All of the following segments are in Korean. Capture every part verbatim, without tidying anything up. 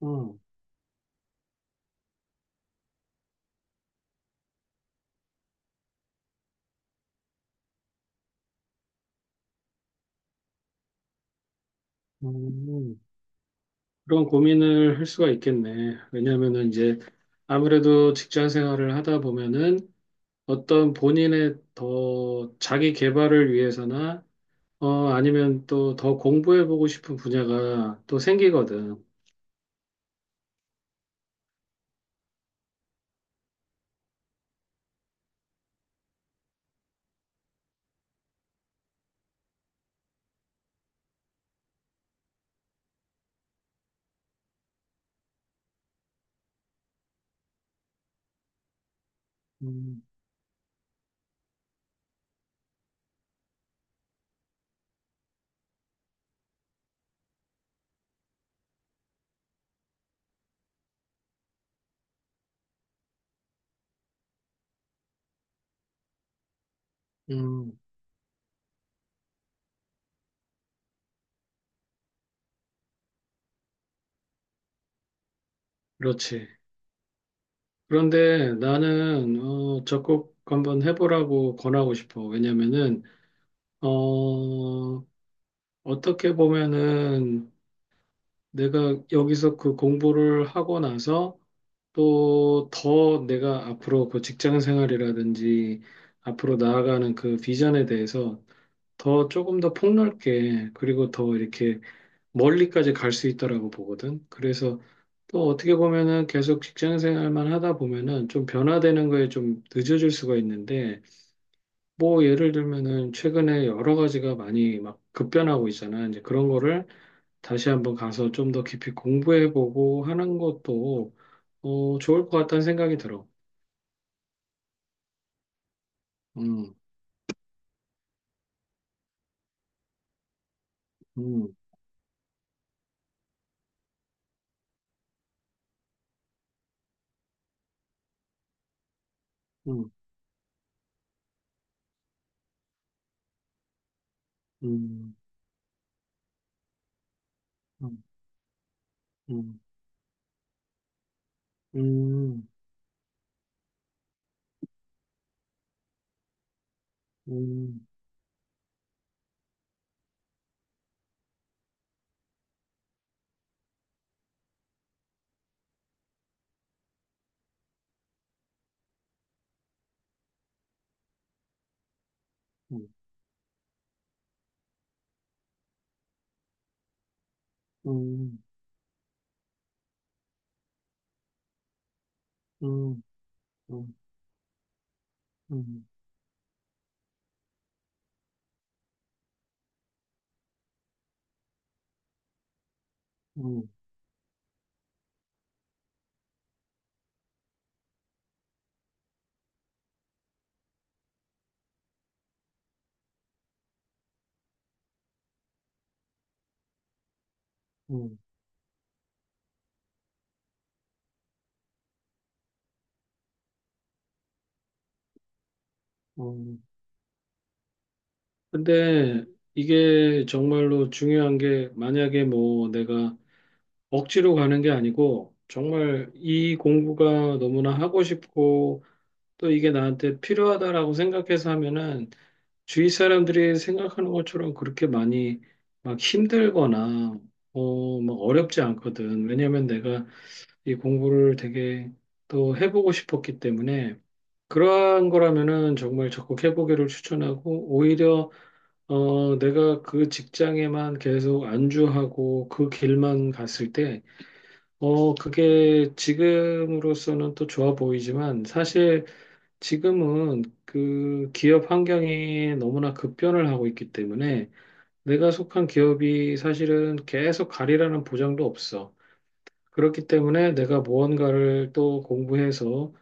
어, 음, 그런 고민을 할 수가 있겠네. 왜냐하면은 이제 아무래도 직장 생활을 하다 보면은 어떤 본인의 더 자기 개발을 위해서나 어, 아니면 또 더 공부해보고 싶은 분야가 또 생기거든. 음, 음, 그렇지. 그런데 나는 어, 적극 한번 해보라고 권하고 싶어. 왜냐면은 어, 어떻게 보면은 내가 여기서 그 공부를 하고 나서 또 더 내가 앞으로 그 직장 생활이라든지 앞으로 나아가는 그 비전에 대해서 더 조금 더 폭넓게 그리고 더 이렇게 멀리까지 갈 수 있다라고 보거든. 그래서 또 어떻게 보면은 계속 직장 생활만 하다 보면은 좀 변화되는 거에 좀 늦어질 수가 있는데 뭐 예를 들면은 최근에 여러 가지가 많이 막 급변하고 있잖아. 이제 그런 거를 다시 한번 가서 좀 더 깊이 공부해보고 하는 것도 어, 좋을 것 같다는 생각이 들어. 음, 음, 음, 음, 음, 음, 음, 음, 음, 음, 음, 음, 음, 음, 음, 음. 근데 이게 정말로 중요한 게 만약에 뭐 내가 억지로 가는 게 아니고 정말 이 공부가 너무나 하고 싶고 또 이게 나한테 필요하다라고 생각해서 하면은 주위 사람들이 생각하는 것처럼 그렇게 많이 막 힘들거나 어, 막 어렵지 않거든. 왜냐면 내가 이 공부를 되게 또 해보고 싶었기 때문에 그러한 거라면은 정말 적극 해보기를 추천하고 오히려 어, 내가 그 직장에만 계속 안주하고 그 길만 갔을 때 어, 그게 지금으로서는 또 좋아 보이지만 사실 지금은 그 기업 환경이 너무나 급변을 하고 있기 때문에 내가 속한 기업이 사실은 계속 가리라는 보장도 없어. 그렇기 때문에 내가 무언가를 또 공부해서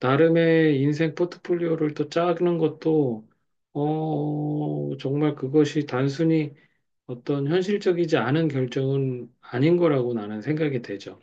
나름의 인생 포트폴리오를 또 짜는 것도 어 정말 그것이 단순히 어떤 현실적이지 않은 결정은 아닌 거라고 나는 생각이 되죠.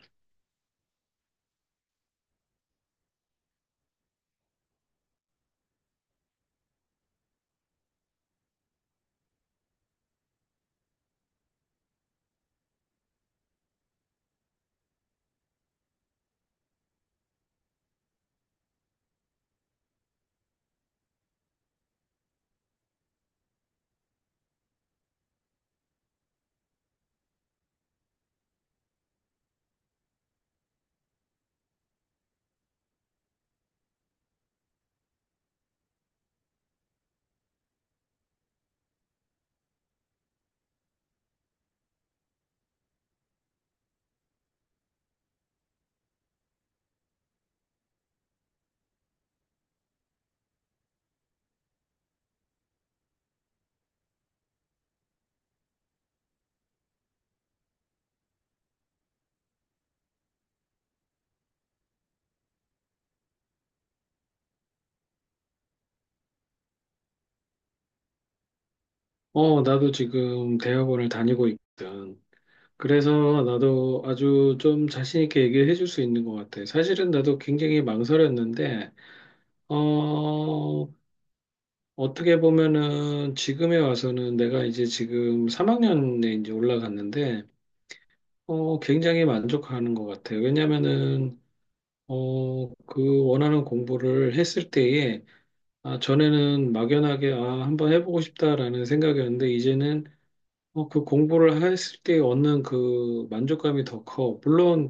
어 나도 지금 대학원을 다니고 있거든. 그래서 나도 아주 좀 자신 있게 얘기를 해줄 수 있는 것 같아. 사실은 나도 굉장히 망설였는데, 어, 어떻게 보면은 지금에 와서는 내가 이제 지금 삼 학년에 이제 올라갔는데, 어, 굉장히 만족하는 것 같아. 왜냐면은, 어, 그 원하는 공부를 했을 때에, 아, 전에는 막연하게, 아, 한번 해보고 싶다라는 생각이었는데, 이제는 어, 그 공부를 했을 때 얻는 그 만족감이 더 커. 물론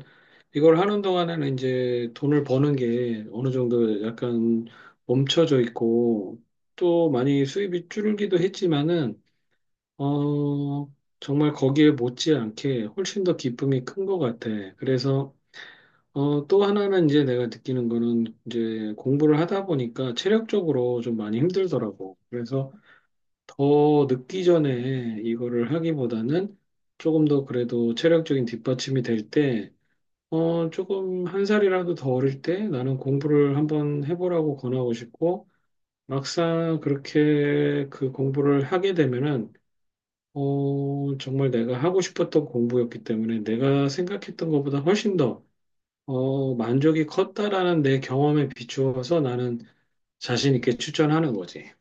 이걸 하는 동안에는 이제 돈을 버는 게 어느 정도 약간 멈춰져 있고 또 많이 수입이 줄기도 했지만은 어 정말 거기에 못지않게 훨씬 더 기쁨이 큰 것 같아. 그래서 어 또 하나는 이제 내가 느끼는 거는 이제 공부를 하다 보니까 체력적으로 좀 많이 힘들더라고. 그래서 더 늦기 전에 이거를 하기보다는 조금 더 그래도 체력적인 뒷받침이 될 때, 어, 조금 한 살이라도 더 어릴 때 나는 공부를 한번 해보라고 권하고 싶고, 막상 그렇게 그 공부를 하게 되면은, 어, 정말 내가 하고 싶었던 공부였기 때문에 내가 생각했던 것보다 훨씬 더, 어, 만족이 컸다라는 내 경험에 비추어서 나는 자신 있게 추천하는 거지.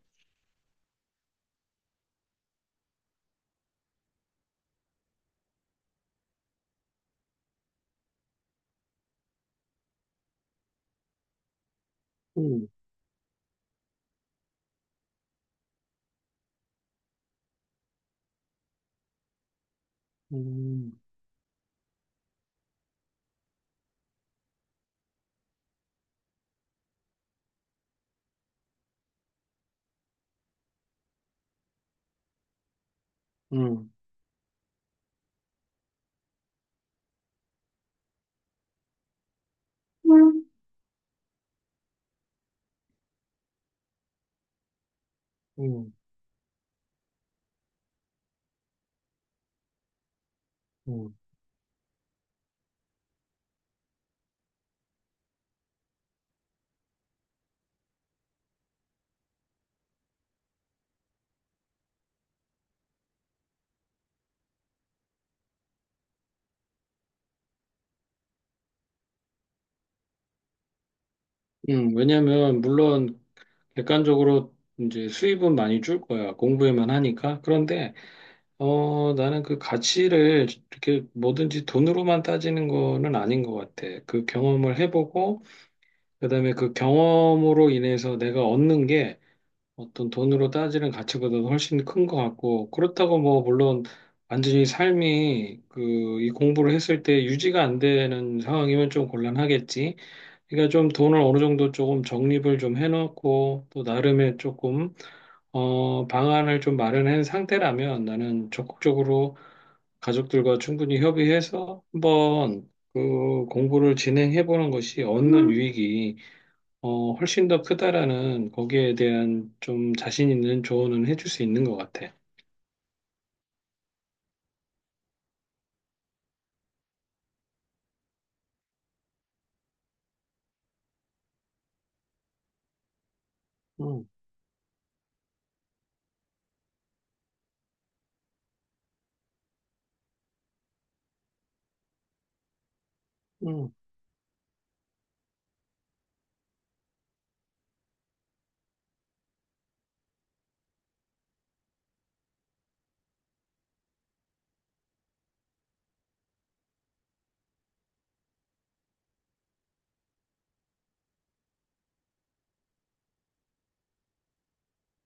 음, 음, 음, 음. 음, 음, 왜냐면, 물론, 객관적으로 이제 수입은 많이 줄 거야. 공부에만 하니까. 그런데, 어, 나는 그 가치를 이렇게 뭐든지 돈으로만 따지는 거는 아닌 것 같아. 그 경험을 해보고, 그다음에 그 경험으로 인해서 내가 얻는 게 어떤 돈으로 따지는 가치보다 도 훨씬 큰 것 같고, 그렇다고 뭐, 물론, 완전히 삶이 그, 이 공부를 했을 때 유지가 안 되는 상황이면 좀 곤란하겠지. 그러니까 좀 돈을 어느 정도 조금 적립을 좀 해놓고 또 나름의 조금 어, 방안을 좀 마련한 상태라면 나는 적극적으로 가족들과 충분히 협의해서 한번 그 공부를 진행해 보는 것이 얻는 유익이 어, 훨씬 더 크다라는 거기에 대한 좀 자신 있는 조언은 해줄 수 있는 것 같아. 음, 음.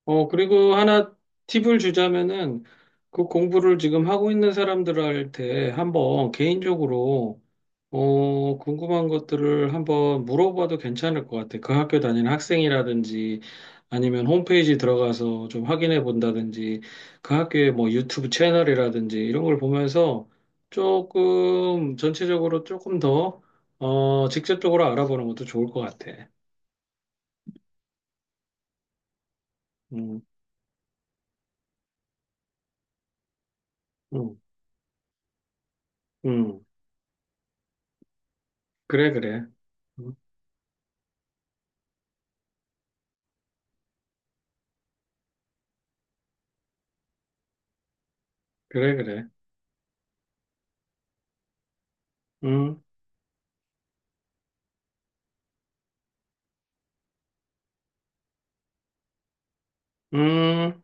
어, 그리고 하나 팁을 주자면은 그 공부를 지금 하고 있는 사람들한테 한번 개인적으로 어, 궁금한 것들을 한번 물어봐도 괜찮을 것 같아. 그 학교 다니는 학생이라든지 아니면 홈페이지 들어가서 좀 확인해 본다든지 그 학교의 뭐 유튜브 채널이라든지 이런 걸 보면서 조금 전체적으로 조금 더 어, 직접적으로 알아보는 것도 좋을 것 같아. 음, 음, 음. 그래, 그래. 음. 그래, 그래. 응, 응.